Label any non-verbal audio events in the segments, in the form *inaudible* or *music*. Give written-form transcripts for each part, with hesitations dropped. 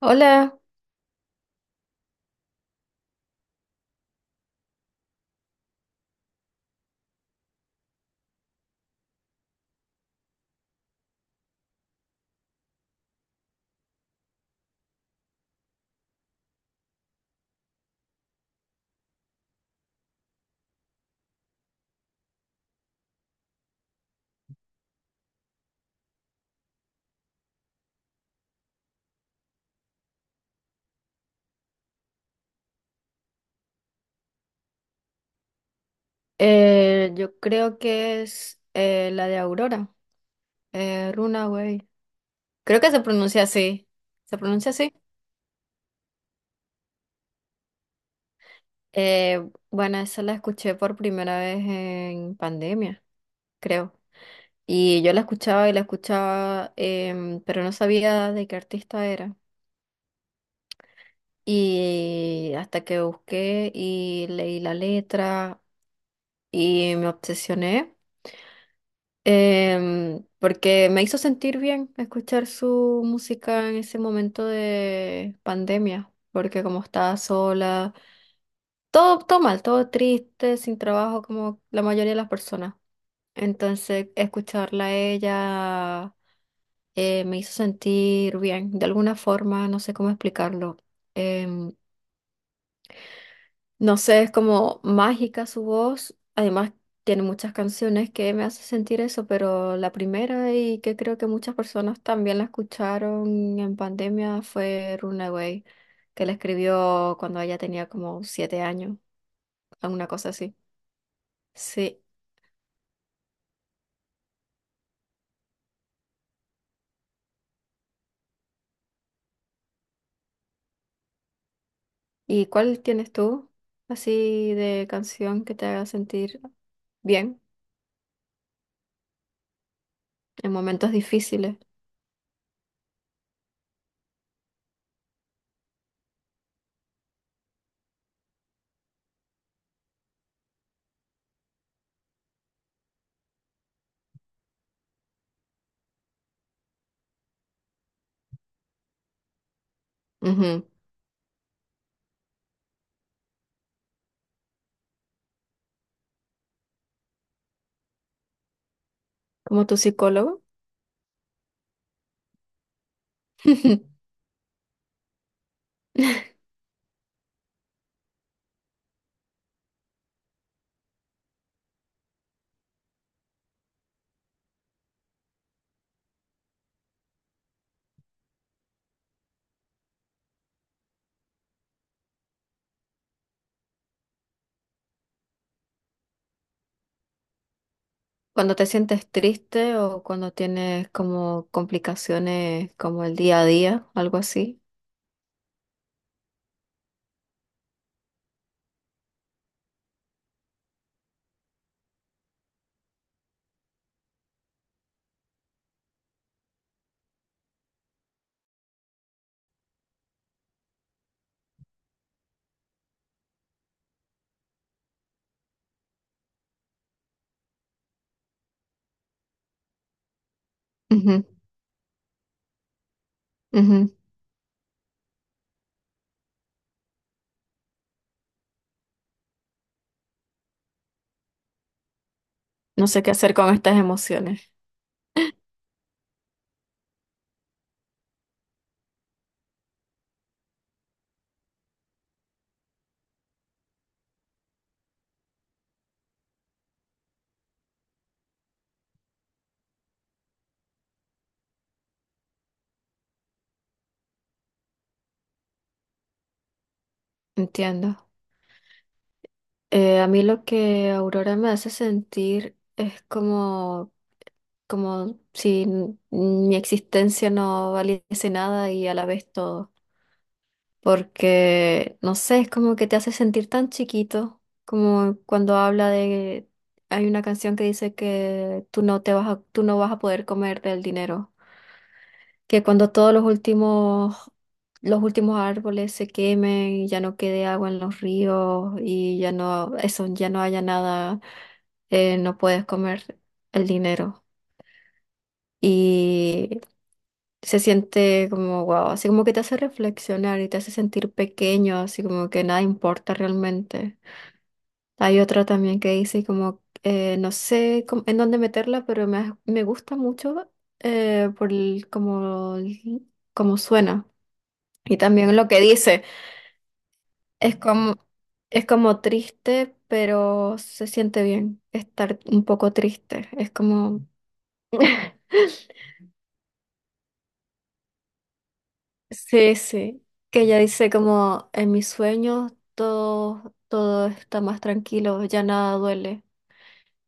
Hola, yo creo que es la de Aurora, Runaway. Creo que se pronuncia así. ¿Se pronuncia así? Bueno, esa la escuché por primera vez en pandemia, creo. Y yo la escuchaba y la escuchaba, pero no sabía de qué artista era. Y hasta que busqué y leí la letra y me obsesioné. Porque me hizo sentir bien escuchar su música en ese momento de pandemia, porque como estaba sola, todo mal, todo triste, sin trabajo, como la mayoría de las personas. Entonces, escucharla a ella me hizo sentir bien, de alguna forma, no sé cómo explicarlo. Em, no sé, es como mágica su voz. Además, tiene muchas canciones que me hace sentir eso, pero la primera y que creo que muchas personas también la escucharon en pandemia fue Runaway, que la escribió cuando ella tenía como 7 años, alguna cosa así. Sí. ¿Y cuál tienes tú así de canción que te haga sentir bien en momentos difíciles? Ujú. Como tu psicólogo. *laughs* Cuando te sientes triste o cuando tienes como complicaciones como el día a día, algo así. Ujú, ujú. No sé qué hacer con estas emociones. Entiendo. A mí lo que Aurora me hace sentir es como, como si mi existencia no valiese nada y a la vez todo. Porque, no sé, es como que te hace sentir tan chiquito, como cuando habla de, hay una canción que dice que tú no te vas a, tú no vas a poder comer del dinero, que cuando todos los últimos árboles se quemen y ya no quede agua en los ríos y ya no, eso, ya no haya nada, no puedes comer el dinero. Y se siente como wow, así como que te hace reflexionar y te hace sentir pequeño, así como que nada importa realmente. Hay otra también que dice como, no sé en dónde meterla, pero me gusta mucho por como, como suena. Y también lo que dice, es como, es como triste, pero se siente bien estar un poco triste. Es como... *laughs* Sí, sí, que ella dice como en mis sueños todo está más tranquilo, ya nada duele,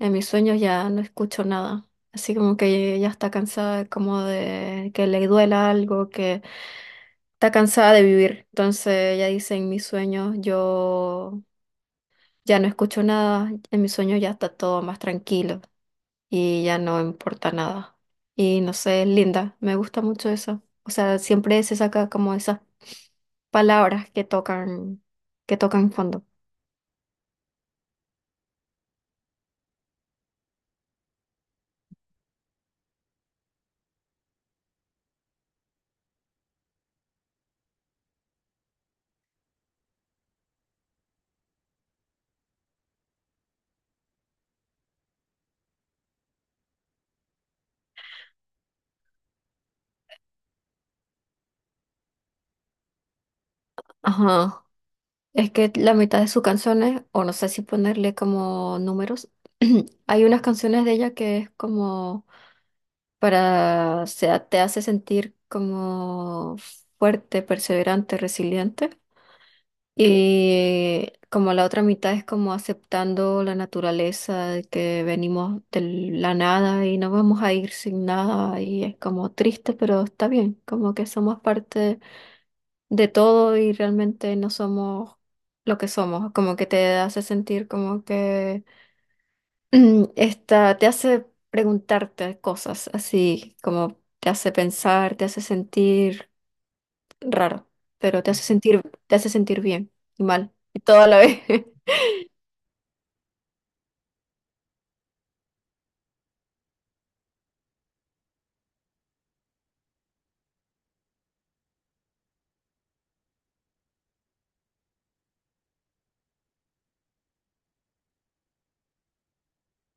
en mis sueños ya no escucho nada, así como que ella está cansada como de que le duela algo, que está cansada de vivir, entonces ella dice en mis sueños yo ya no escucho nada, en mis sueños ya está todo más tranquilo y ya no importa nada. Y no sé, es linda, me gusta mucho eso. O sea, siempre se saca como esas palabras que tocan fondo. Ajá. Es que la mitad de sus canciones, o no sé si ponerle como números, *clears throat* hay unas canciones de ella que es como para, o sea, te hace sentir como fuerte, perseverante, resiliente. Y como la otra mitad es como aceptando la naturaleza, de que venimos de la nada y no vamos a ir sin nada y es como triste, pero está bien, como que somos parte de todo y realmente no somos lo que somos, como que te hace sentir como que te hace preguntarte cosas así, como te hace pensar, te hace sentir raro, pero te hace sentir bien y mal y todo a la vez. *laughs*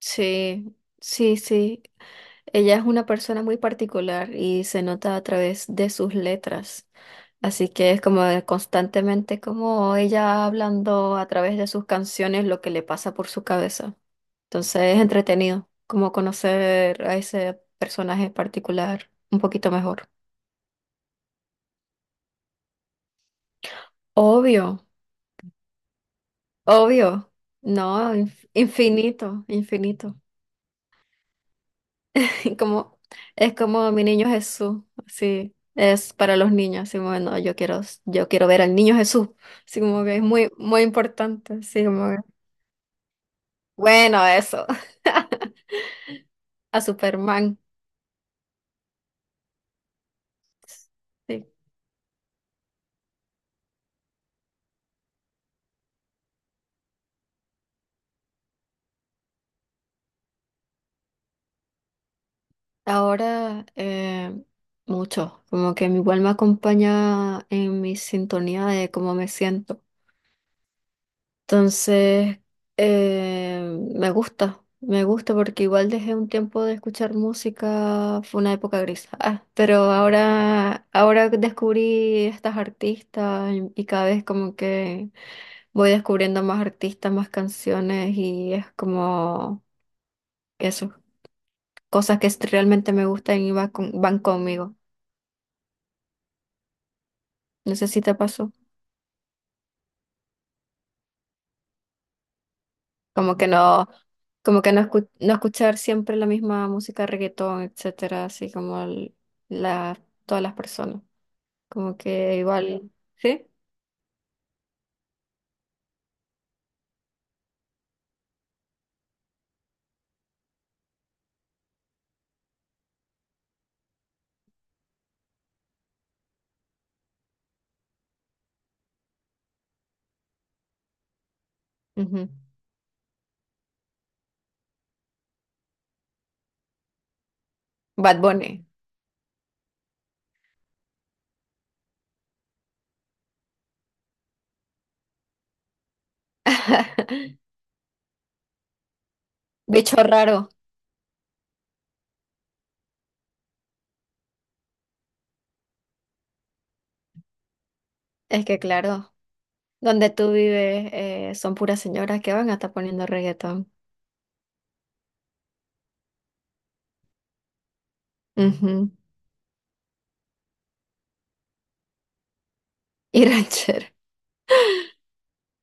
Sí, sí, sí. Ella es una persona muy particular y se nota a través de sus letras. Así que es como de constantemente como ella hablando a través de sus canciones lo que le pasa por su cabeza. Entonces es entretenido como conocer a ese personaje particular un poquito mejor. Obvio, obvio. No, infinito, infinito. *laughs* Como, es como mi niño Jesús, sí, es para los niños, así como, bueno, yo quiero ver al niño Jesús, así como que es muy importante, así como que, bueno, eso, *laughs* a Superman, sí. Ahora, mucho, como que igual me acompaña en mi sintonía de cómo me siento. Entonces, me gusta porque igual dejé un tiempo de escuchar música, fue una época gris. Ah, pero ahora, ahora descubrí estas artistas y cada vez como que voy descubriendo más artistas, más canciones y es como eso, cosas que realmente me gustan y va van conmigo. No sé si te pasó, como que no. Como que no, no escuchar siempre la misma música, reggaetón, etcétera, así como la, todas las personas. Como que igual, ¿sí? Ujú. Bad Bunny. Bicho raro. Es que claro, donde tú vives son puras señoras que van a estar poniendo reggaetón. Ujú. *laughs* Y ranchero.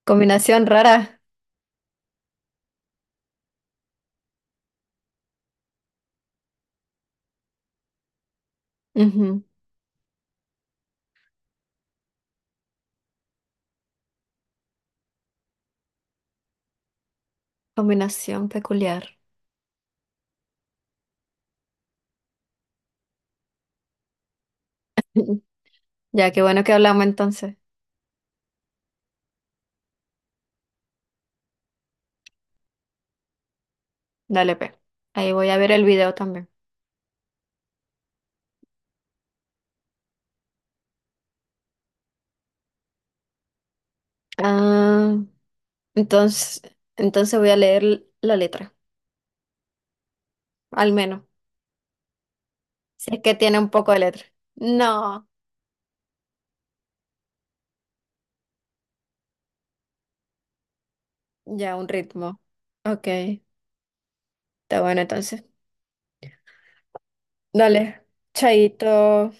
Combinación rara. Ujú. Combinación peculiar. *laughs* Ya, qué bueno que hablamos entonces. Dale, pe. Ahí voy a ver el video también. Ah. Entonces, entonces voy a leer la letra, al menos, si es que tiene un poco de letra. No, ya un ritmo. Ok, está bueno entonces. Dale, chaito.